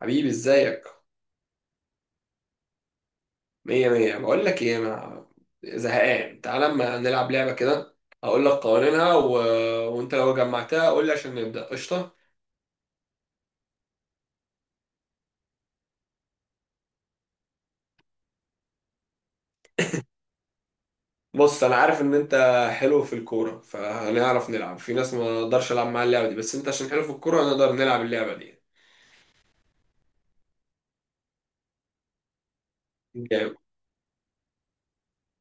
حبيبي ازيك. مية مية. بقول لك ايه، انا زهقان، تعال اما نلعب لعبة كده. هقول لك قوانينها وانت لو جمعتها قول لي عشان نبدأ، قشطة. بص انا عارف ان انت حلو في الكورة فهنعرف نلعب في ناس ما اقدرش العب معاها اللعبة دي، بس انت عشان حلو في الكورة هنقدر نلعب اللعبة دي. جامد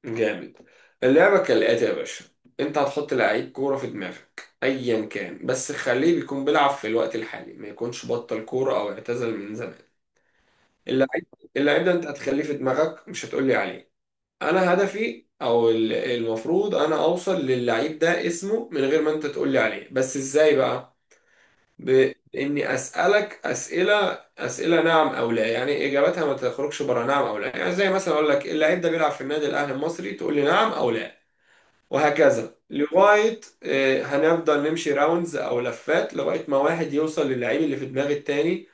جامد. اللعبة كالآتي يا باشا، انت هتحط لعيب كورة في دماغك ايا كان، بس خليه بيكون بيلعب في الوقت الحالي، ما يكونش بطل كورة او اعتزل من زمان. اللعيب. اللعيب ده انت هتخليه في دماغك، مش هتقولي عليه. انا هدفي المفروض انا اوصل للعيب ده اسمه من غير ما انت تقولي عليه، بس ازاي بقى؟ باني اسالك اسئله، اسئله نعم او لا، يعني اجابتها ما تخرجش بره نعم او لا، يعني زي مثلا اقول لك اللعيب ده بيلعب في النادي الاهلي المصري، تقول لي نعم او لا. وهكذا لغايه هنفضل نمشي راوندز او لفات لغايه ما واحد يوصل للعيب اللي في دماغ التاني.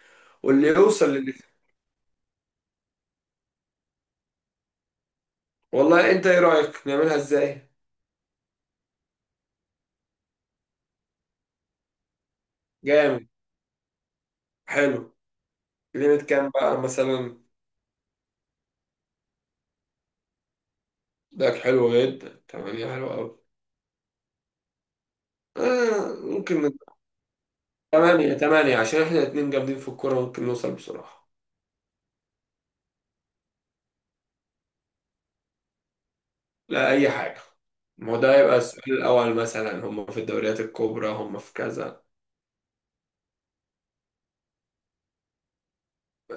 واللي يوصل. والله انت ايه رأيك نعملها ازاي؟ جامد، حلو. كلمة كام بقى مثلا؟ ده حلو جدا، تمانية حلو قوي. آه ممكن من تمانية. تمانية عشان احنا اتنين جامدين في الكورة ممكن نوصل بسرعة. لا، أي حاجة. ما هو ده يبقى السؤال الأول مثلا، هم في الدوريات الكبرى، هم في كذا.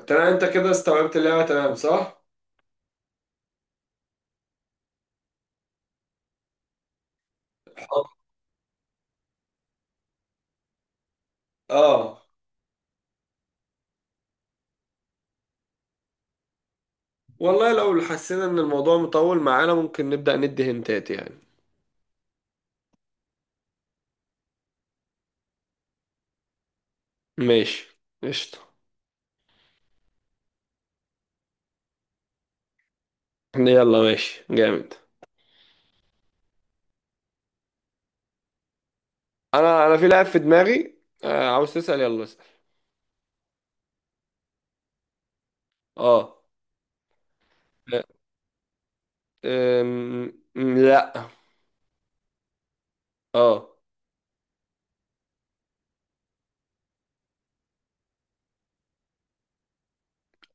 تمام انت كده استوعبت اللعبة تمام، صح؟ حاضر. اه والله لو حسينا ان الموضوع مطول معانا ممكن نبدأ ندي هنتات يعني. ماشي قشطة. يلا ماشي جامد. انا في لاعب في دماغي. عاوز تسأل يلا اسأل. اه. لا. لا. اه.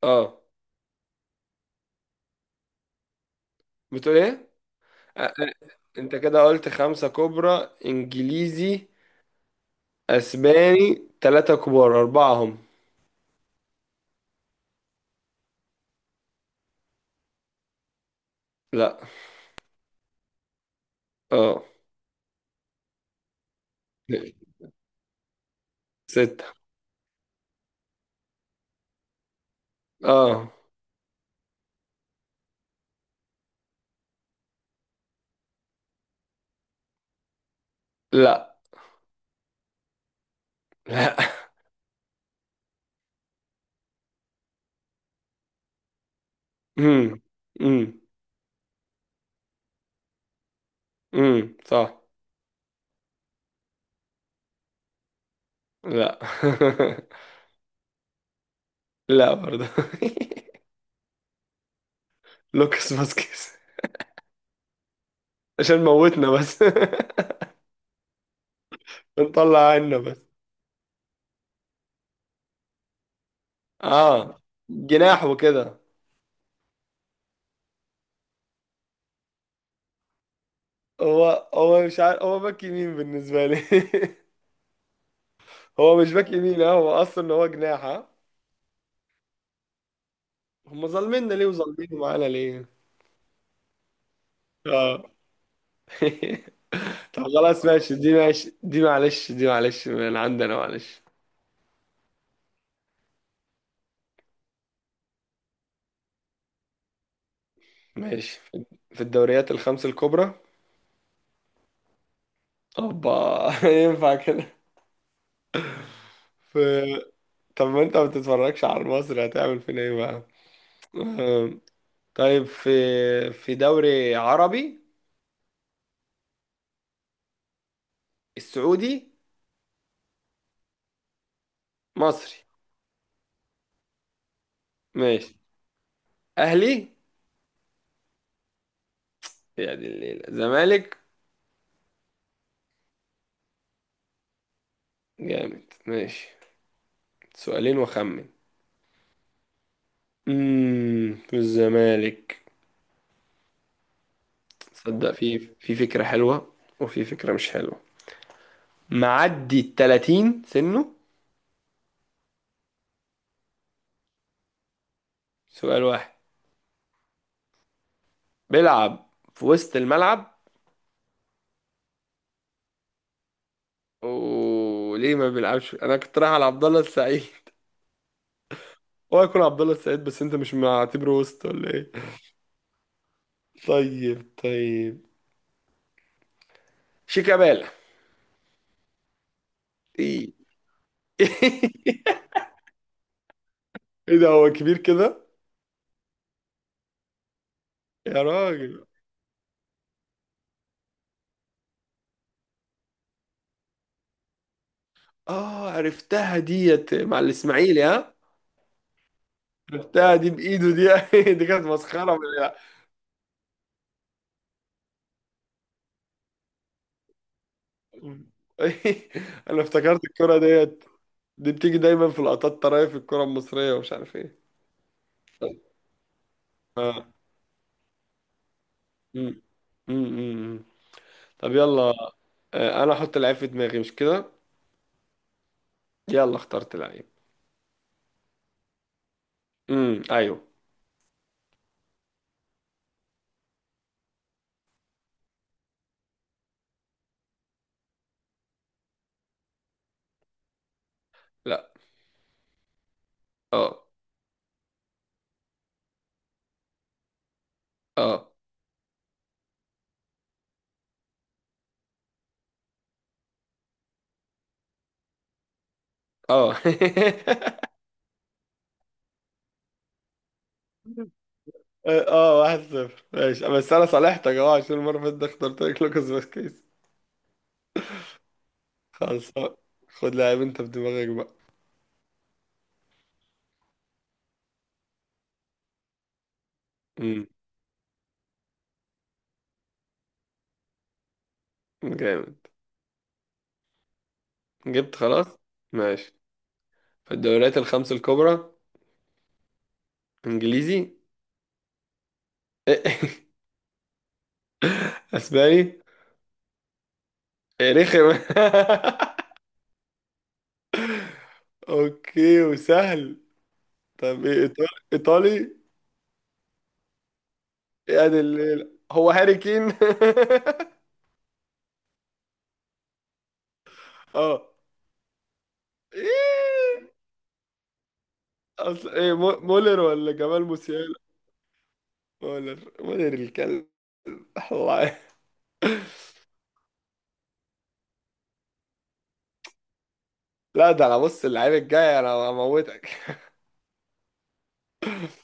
اه. بتقول ايه؟ آه، آه، انت كده قلت خمسة كبرى، انجليزي، اسباني، ثلاثة كبار، اربعة هم. لا. اه. ستة. اه. لا. لا امم. امم. صح. لا لا برضه. لوكاس فاسكيز. عشان موتنا بس نطلع عنا بس. اه، جناح وكده. هو مش عارف، هو باك يمين بالنسبة لي. هو مش باك يمين، هو اصلا هو جناح اه. هم ظالميننا ليه وظالمين معانا ليه؟ اه طب خلاص ماشي، دي ماشي، دي معلش، دي معلش من عندنا، معلش. ماشي. في الدوريات الخمس الكبرى. اوبا ينفع كده؟ في. طب ما انت ما بتتفرجش على المصري، هتعمل فينا ايه بقى؟ آه، طيب في دوري عربي، السعودي، مصري. ماشي، اهلي، يعني الليلة زمالك. جامد ماشي. سؤالين وخمن. في الزمالك. تصدق، في فكرة حلوة، وفي فكرة مش حلوة. معدي ال 30 سنه. سؤال واحد. بيلعب في وسط الملعب. وليه ما بيلعبش؟ انا كنت رايح على عبد الله السعيد هو يكون عبد الله السعيد، بس انت مش معتبره وسط ولا ايه؟ طيب طيب. شيكابالا. ايه؟ ايه ده، هو كبير كده؟ يا راجل. اه عرفتها ديت مع الاسماعيلي ها. عرفتها دي بايده دي دي كانت مسخره انا افتكرت الكره ديت. دي بتيجي دايما في لقطات طرايف الكره المصريه ومش عارف ايه. اه. أمم. أمم. أمم. طب يلا. انا احط لعيب في دماغي، مش كده؟ يلا اخترت لعيب. ايوه. لا. اه. اه. اه اه، واحد صفر ماشي، بس انا صالحتك اه عشان المره اللي فاتت اخترت لك لوكاس فاسكيز. خلاص. خد لاعب انت في دماغك بقى. امم جامد. جبت خلاص. ماشي. في الدوريات الخمس الكبرى. انجليزي. اسباني. إيه رخم اوكي وسهل. طب ايه، ايطالي ايطالي. هو هاري كين؟ اه. ايه؟ اصل ايه، مولر ولا جمال موسيالا؟ مولر مولر الكلب الله. لا، ده انا بص، اللعيب الجاي انا هموتك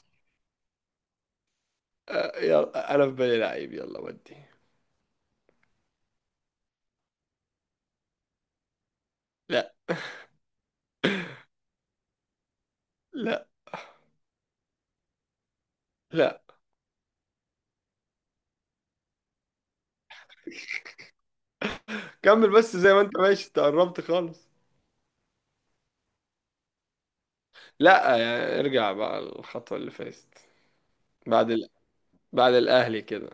يلا انا في بالي لعيب، يلا ودي. لا لا لا. كمل بس زي ما انت ماشي، انت قربت خالص. لا، يعني ارجع بقى الخطوة اللي فاتت. بعد ال... بعد الاهلي كده.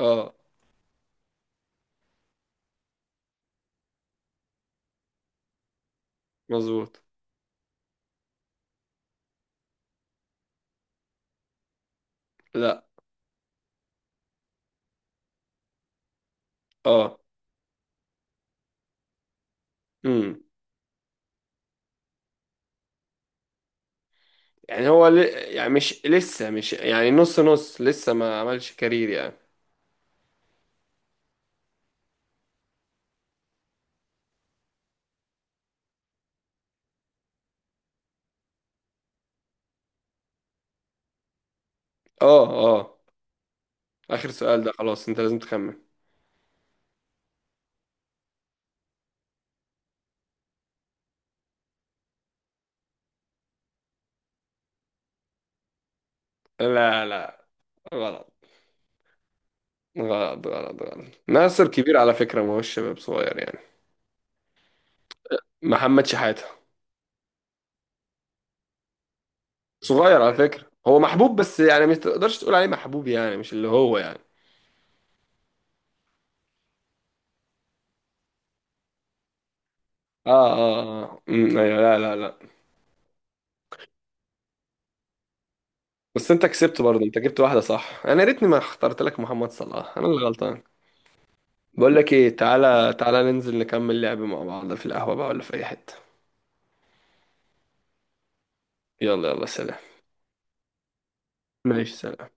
اه مظبوط. لا. اه. امم يعني هو ل... يعني مش لسه، مش يعني نص نص، لسه ما عملش كارير يعني. اه. اه. اخر سؤال ده خلاص، انت لازم تخمن. لا. لا. غلط غلط غلط غلط. ناصر كبير على فكرة، ما هوش شباب صغير يعني. محمد شحاتة. صغير على فكرة، هو محبوب بس يعني ما تقدرش تقول عليه محبوب، يعني مش اللي هو يعني. اه اه اه ايوه. لا لا لا. بس انت كسبت برضه، انت جبت واحدة صح، انا يا ريتني ما اخترت لك محمد صلاح، انا اللي غلطان. بقول لك ايه، تعالى تعالى ننزل نكمل لعب مع بعض في القهوة بقى، ولا في اي حتة. يلا يلا سلام. ماشي سلام.